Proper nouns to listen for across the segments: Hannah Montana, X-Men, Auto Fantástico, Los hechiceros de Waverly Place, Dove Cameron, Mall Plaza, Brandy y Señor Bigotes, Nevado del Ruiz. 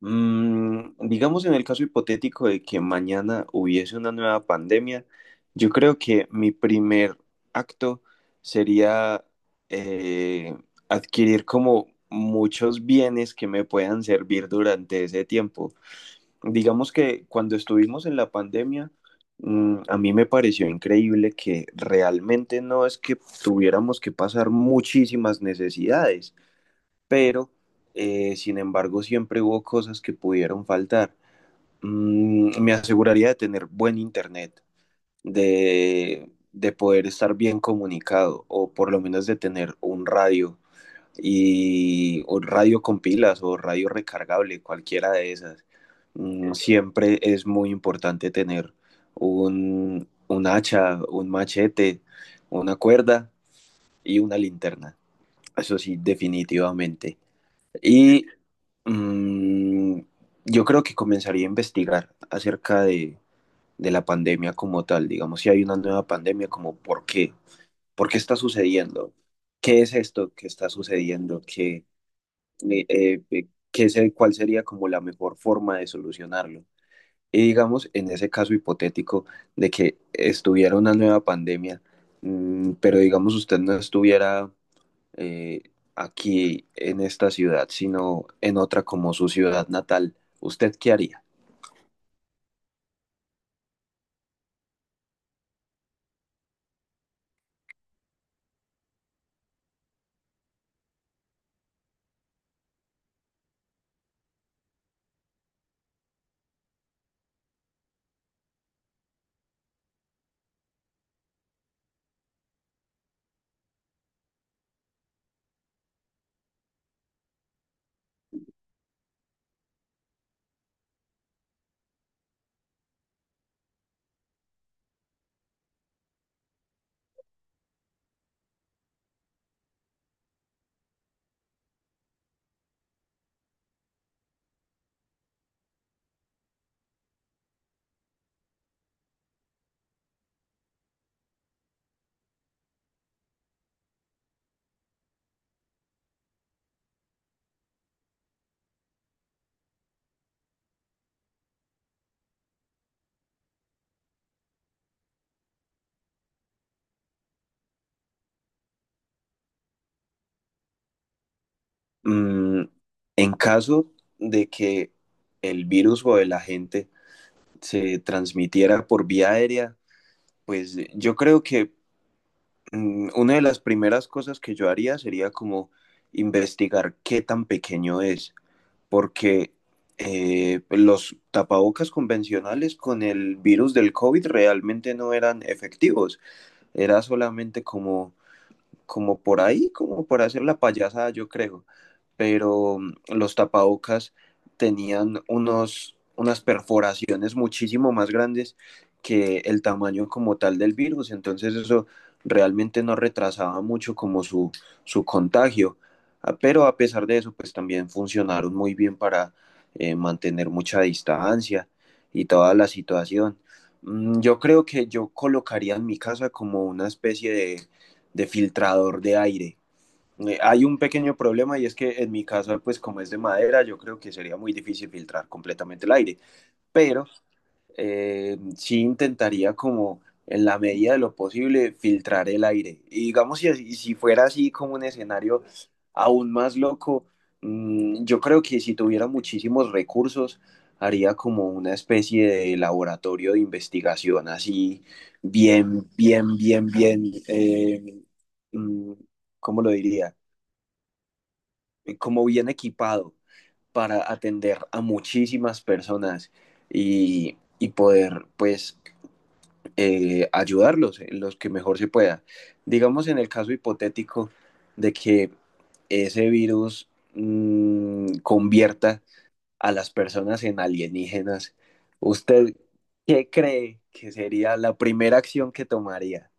Digamos en el caso hipotético de que mañana hubiese una nueva pandemia, yo creo que mi primer acto sería eh, adquirir como muchos bienes que me puedan servir durante ese tiempo. Digamos que cuando estuvimos en la pandemia, a mí me pareció increíble que realmente no es que tuviéramos que pasar muchísimas necesidades, pero sin embargo siempre hubo cosas que pudieron faltar. Me aseguraría de tener buen internet, de poder estar bien comunicado, o por lo menos de tener un radio y un radio con pilas o radio recargable, cualquiera de esas. Siempre es muy importante tener un hacha, un machete, una cuerda y una linterna. Eso sí, definitivamente. Y mm, yo creo que comenzaría a investigar acerca de la pandemia como tal. Digamos, si hay una nueva pandemia, como por qué está sucediendo, qué es esto que está sucediendo. ¿Qué, qué es cuál sería como la mejor forma de solucionarlo? Y digamos, en ese caso hipotético de que estuviera una nueva pandemia, pero digamos usted no estuviera eh, aquí en esta ciudad, sino en otra como su ciudad natal, ¿usted qué haría? Mm, en caso de que el virus o el agente se transmitiera por vía aérea, pues yo creo que una de las primeras cosas que yo haría sería como investigar qué tan pequeño es, porque los tapabocas convencionales con el virus del COVID realmente no eran efectivos. Era solamente como como por ahí, como por hacer la payasada, yo creo. Pero los tapabocas tenían unos, unas perforaciones muchísimo más grandes que el tamaño como tal del virus, entonces eso realmente no retrasaba mucho como su contagio. Ah, pero a pesar de eso, pues también funcionaron muy bien para mantener mucha distancia y toda la situación. Yo creo que yo colocaría en mi casa como una especie de filtrador de aire. Hay un pequeño problema y es que en mi caso, pues como es de madera, yo creo que sería muy difícil filtrar completamente el aire, pero sí intentaría como en la medida de lo posible filtrar el aire. Y digamos, si, si fuera así como un escenario aún más loco, yo creo que si tuviera muchísimos recursos, haría como una especie de laboratorio de investigación, así bien, bien, bien, bien, eh, mm, ¿cómo lo diría? Como bien equipado para atender a muchísimas personas y poder, pues, ayudarlos en los que mejor se pueda. Digamos en el caso hipotético de que ese virus convierta a las personas en alienígenas, ¿usted qué cree que sería la primera acción que tomaría?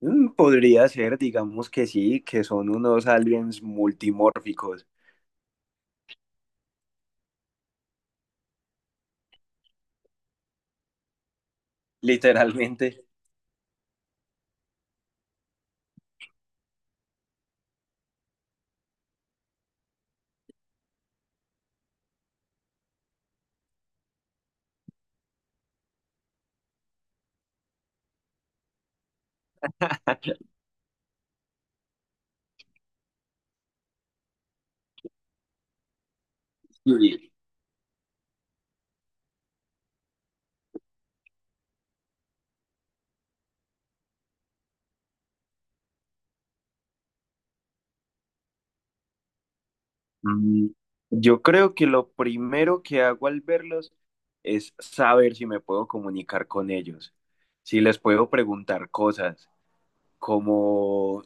Podría ser, digamos que sí, que son unos aliens multimórficos, literalmente. Y Mm, yo creo que lo primero que hago al verlos es saber si me puedo comunicar con ellos, si les puedo preguntar cosas, como,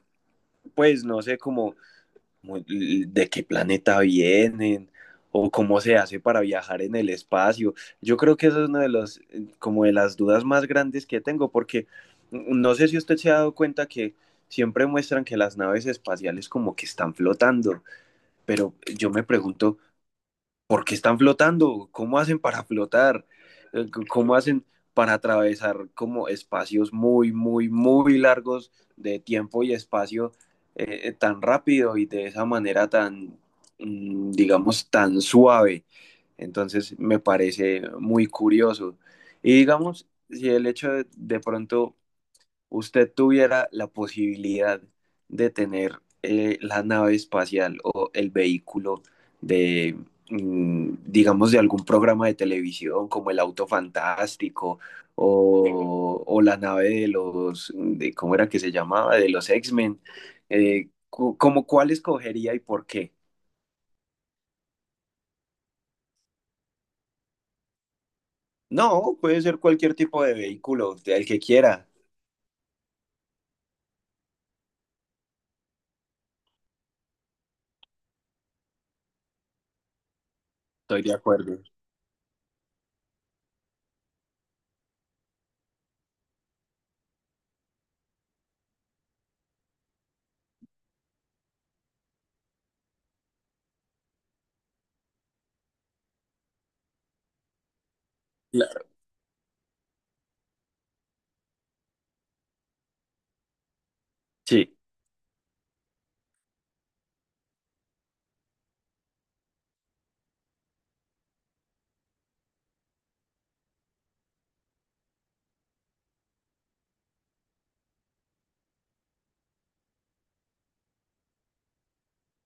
pues no sé, como como de qué planeta vienen o cómo se hace para viajar en el espacio. Yo creo que eso es una de las, como de las dudas más grandes que tengo, porque no sé si usted se ha dado cuenta que siempre muestran que las naves espaciales como que están flotando, pero yo me pregunto ¿por qué están flotando? ¿Cómo hacen para flotar? ¿Cómo hacen para atravesar como espacios muy, muy, muy largos de tiempo y espacio tan rápido y de esa manera tan, digamos, tan suave? Entonces me parece muy curioso. Y digamos, si el hecho de pronto usted tuviera la posibilidad de tener la nave espacial o el vehículo de, digamos, de algún programa de televisión como el Auto Fantástico, o la nave de los, de, ¿cómo era que se llamaba? De los X-Men, ¿como cuál escogería y por qué? No, puede ser cualquier tipo de vehículo, el que quiera. Estoy de acuerdo. Claro. Sí.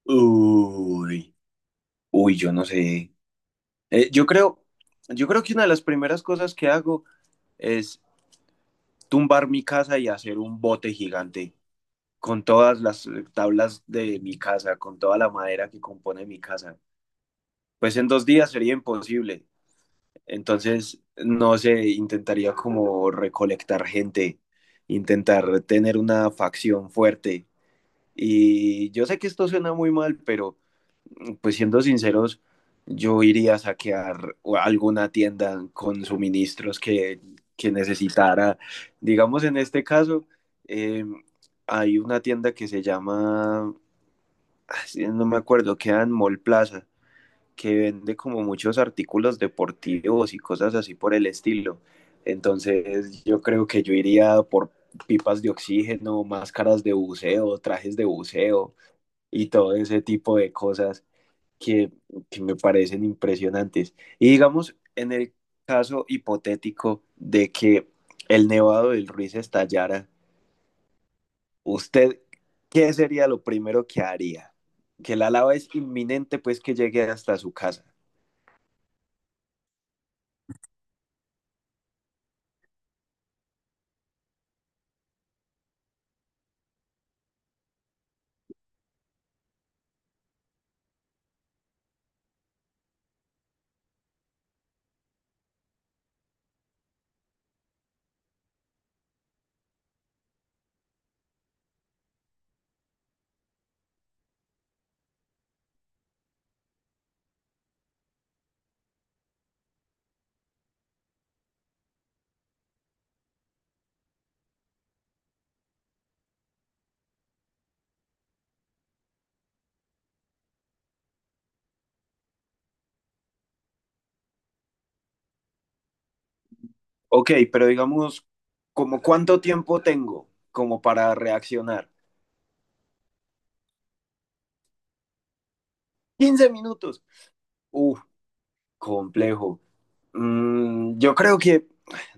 Uy, uy, yo no sé. Eh, yo creo, yo creo que una de las primeras cosas que hago es tumbar mi casa y hacer un bote gigante con todas las tablas de mi casa, con toda la madera que compone mi casa. Pues en 2 días sería imposible. Entonces, no sé, intentaría como recolectar gente, intentar tener una facción fuerte. Y yo sé que esto suena muy mal, pero pues siendo sinceros, yo iría a saquear alguna tienda con suministros que necesitara. Digamos, en este caso, eh, hay una tienda que se llama, ah, sí, no me acuerdo, queda en Mall Plaza, que vende como muchos artículos deportivos y cosas así por el estilo. Entonces, yo creo que yo iría por pipas de oxígeno, máscaras de buceo, trajes de buceo y todo ese tipo de cosas que, que me parecen impresionantes. Y digamos, en el caso hipotético de que el nevado del Ruiz estallara, ¿usted qué sería lo primero que haría? Que la lava es inminente, pues que llegue hasta su casa. Ok, pero digamos, ¿como cuánto tiempo tengo como para reaccionar? 15 minutos. Uf, complejo. Yo creo que,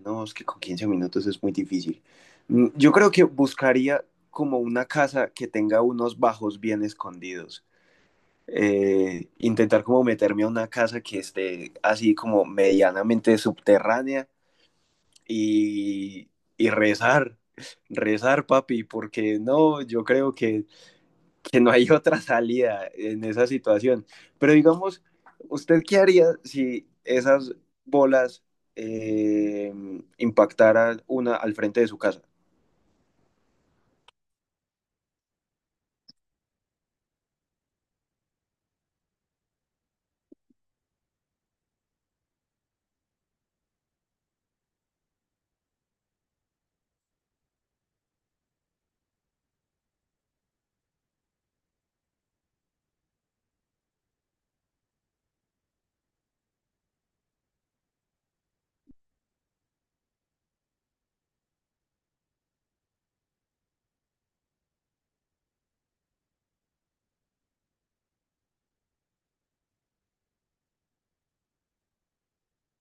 no, es que con 15 minutos es muy difícil. Yo creo que buscaría como una casa que tenga unos bajos bien escondidos. Intentar como meterme a una casa que esté así como medianamente subterránea y, y rezar, rezar, papi, porque no, yo creo que no hay otra salida en esa situación. Pero digamos, ¿usted qué haría si esas bolas eh, impactaran una al frente de su casa?